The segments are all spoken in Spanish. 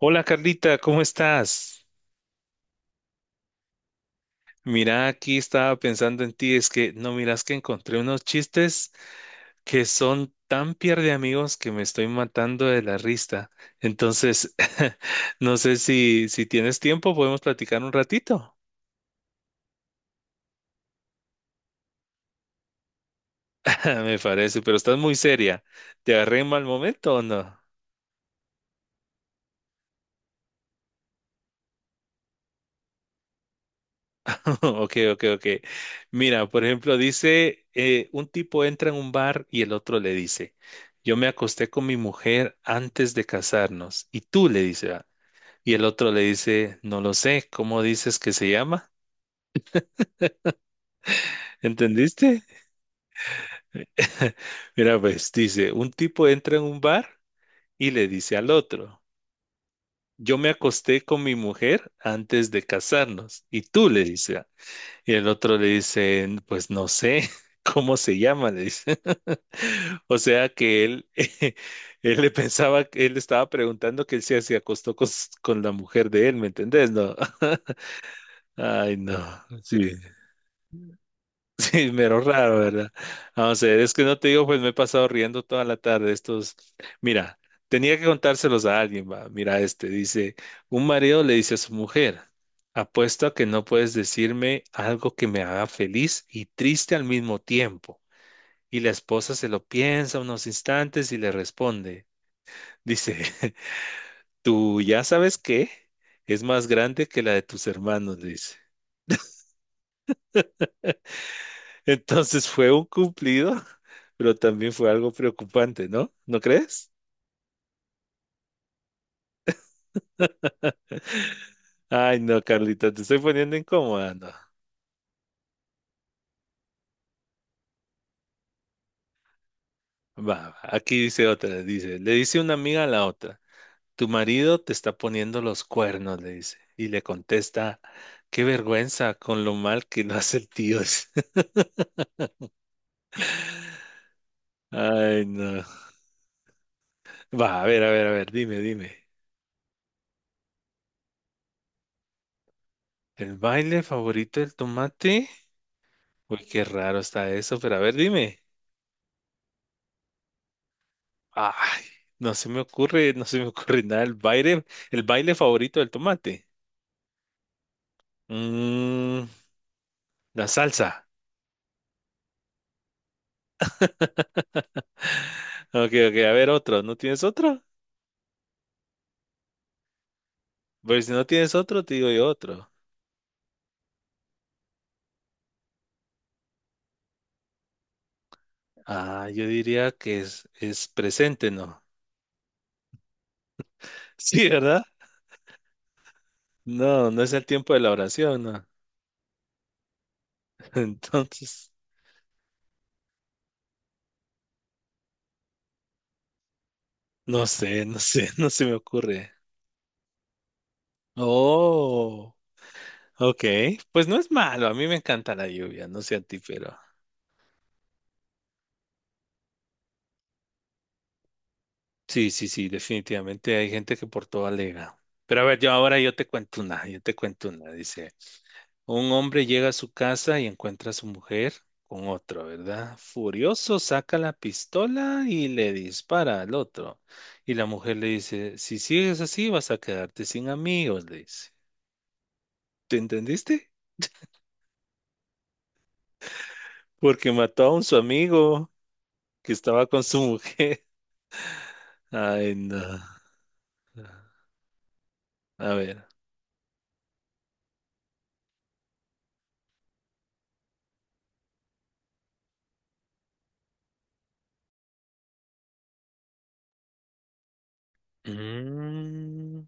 Hola Carlita, ¿cómo estás? Mira, aquí estaba pensando en ti, es que no miras que encontré unos chistes que son tan pierde amigos que me estoy matando de la risa. Entonces, no sé si tienes tiempo, podemos platicar un ratito. Me parece, pero estás muy seria. ¿Te agarré en mal momento o no? Ok, ok, ok. Mira, por ejemplo, dice, un tipo entra en un bar y el otro le dice, yo me acosté con mi mujer antes de casarnos. Y tú le dice, "Ah". Y el otro le dice, no lo sé, ¿cómo dices que se llama? ¿Entendiste? Mira, pues dice, un tipo entra en un bar y le dice al otro, yo me acosté con mi mujer antes de casarnos. Y tú le dice, "Ah". Y el otro le dice, pues no sé cómo se llama, le dice. O sea que él, él le pensaba, que él estaba preguntando que él se acostó con la mujer de él, ¿me entendés? No. Ay, no. Sí. Sí, mero raro, ¿verdad? Vamos a ver, es que no te digo, pues me he pasado riendo toda la tarde. Estos, mira, tenía que contárselos a alguien, va. Mira, este dice, un marido le dice a su mujer, apuesto a que no puedes decirme algo que me haga feliz y triste al mismo tiempo. Y la esposa se lo piensa unos instantes y le responde, dice, ¿tú ya sabes qué? Es más grande que la de tus hermanos, dice. Entonces fue un cumplido, pero también fue algo preocupante, ¿no? ¿No crees? Ay, no, Carlita, te estoy poniendo incómoda, no. Va, va, aquí dice otra, dice, le dice una amiga a la otra, tu marido te está poniendo los cuernos, le dice, y le contesta, qué vergüenza con lo mal que lo hace el tío. Ay, no. Va, a ver, a ver, a ver, dime, dime. ¿El baile favorito del tomate? Uy, qué raro está eso, pero a ver, dime. Ay, no se me ocurre, no se me ocurre nada. El baile favorito del tomate. Mm, la salsa. Ok, ok, a ver otro. ¿No tienes otro? Pues si no tienes otro, te digo yo otro. Ah, yo diría que es presente, ¿no? Sí, ¿verdad? No, no es el tiempo de la oración, ¿no? Entonces, no sé, no sé, no se me ocurre. Oh, ok. Pues no es malo, a mí me encanta la lluvia, no sé a ti, pero... Sí, sí, sí, definitivamente hay gente que por todo alega. Pero a ver, yo ahora yo te cuento una, yo te cuento una. Dice, un hombre llega a su casa y encuentra a su mujer con otro, ¿verdad? Furioso saca la pistola y le dispara al otro. Y la mujer le dice, si sigues así vas a quedarte sin amigos, le dice. ¿Te entendiste? Porque mató a un su amigo que estaba con su mujer. Ay, no. A ver. Mm,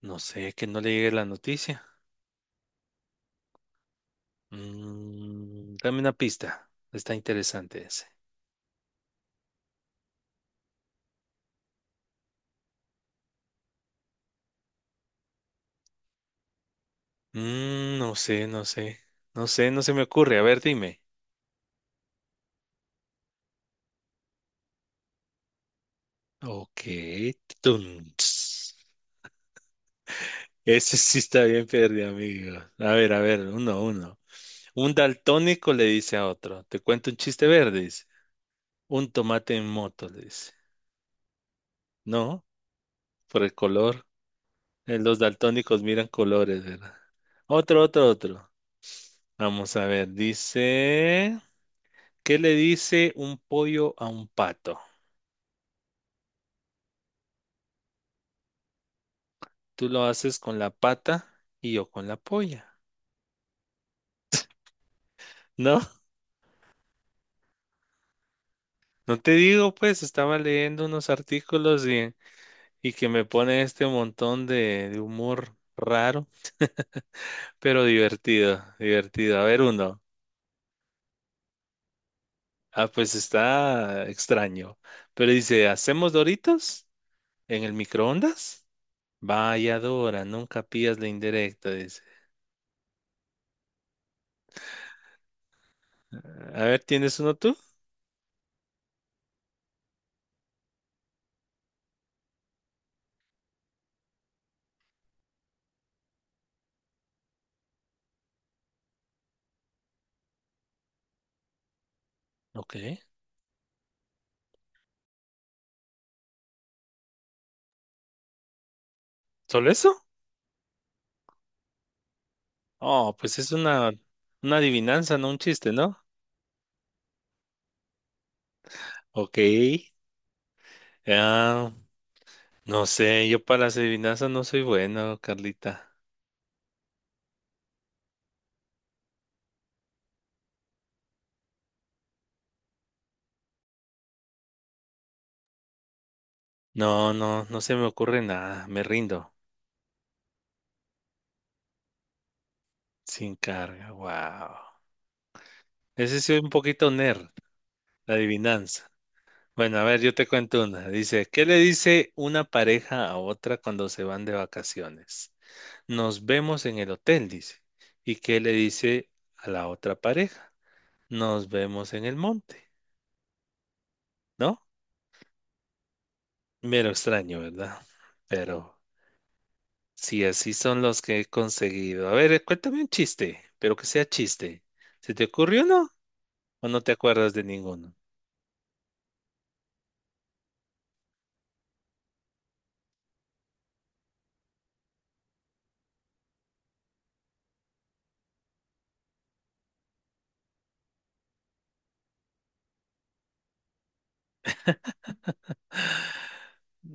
no sé, que no le llegue la noticia. Mm, dame una pista. Está interesante ese. Mm, no sé, no sé. No sé, no se me ocurre. A ver, dime. Ok. Tun, ts. Ese sí está bien perdido, amigo. A ver, uno, uno. Un daltónico le dice a otro, te cuento un chiste verde, dice. Un tomate en moto, le dice. No, por el color. Los daltónicos miran colores, ¿verdad? Otro, otro, otro. Vamos a ver, dice. ¿Qué le dice un pollo a un pato? Tú lo haces con la pata y yo con la polla. No, no te digo, pues estaba leyendo unos artículos y que me pone este montón de humor raro, pero divertido, divertido. A ver uno. Ah, pues está extraño. Pero dice, ¿hacemos Doritos en el microondas? Vaya Dora, nunca pillas la indirecta, dice. A ver, ¿tienes uno tú? Ok. ¿Solo eso? Oh, pues es una adivinanza, no un chiste, ¿no? Ok. Ah, no sé, yo para las adivinanzas no soy bueno, Carlita. No, no, no se me ocurre nada, me rindo. Sin carga, wow. Ese sí es un poquito nerd, la adivinanza. Bueno, a ver, yo te cuento una. Dice, ¿qué le dice una pareja a otra cuando se van de vacaciones? Nos vemos en el hotel, dice. ¿Y qué le dice a la otra pareja? Nos vemos en el monte, ¿no? Mero extraño, ¿verdad? Pero sí, así son los que he conseguido. A ver, cuéntame un chiste, pero que sea chiste. ¿Se te ocurrió uno o no te acuerdas de ninguno?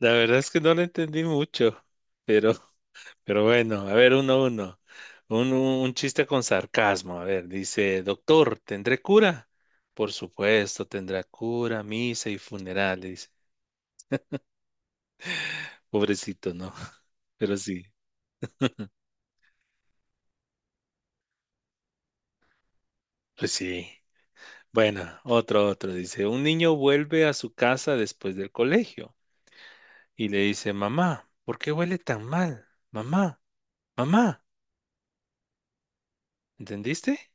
La verdad es que no lo entendí mucho, pero, pero bueno, a ver, uno, uno. Un chiste con sarcasmo. A ver, dice, doctor, ¿tendré cura? Por supuesto, tendrá cura, misa y funeral. Le dice. Pobrecito, ¿no? Pero sí, pues sí. Bueno, otro, otro dice, un niño vuelve a su casa después del colegio y le dice, mamá, ¿por qué huele tan mal? Mamá, mamá, ¿entendiste?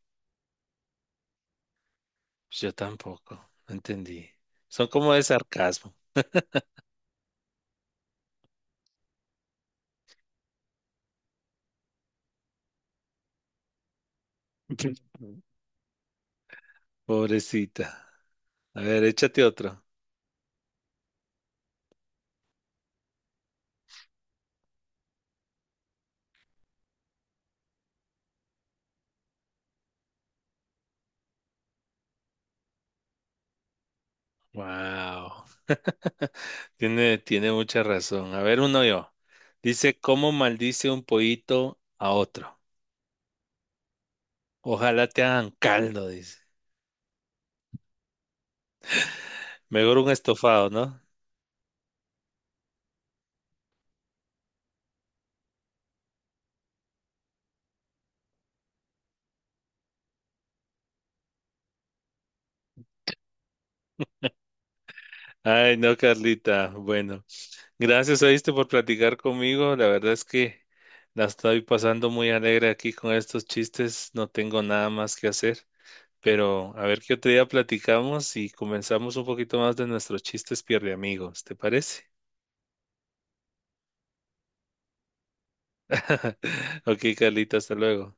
Pues yo tampoco, no entendí. Son como de sarcasmo. Pobrecita. A ver, échate otro. Wow. Tiene, tiene mucha razón. A ver, uno yo. Dice, ¿cómo maldice un pollito a otro? Ojalá te hagan caldo, dice. Mejor un estofado, ¿no? Ay, no, Carlita. Bueno, gracias, oíste, por platicar conmigo. La verdad es que la estoy pasando muy alegre aquí con estos chistes. No tengo nada más que hacer. Pero a ver qué otro día platicamos y comenzamos un poquito más de nuestros chistes pierde amigos. ¿Te parece? Ok, Carlita, hasta luego.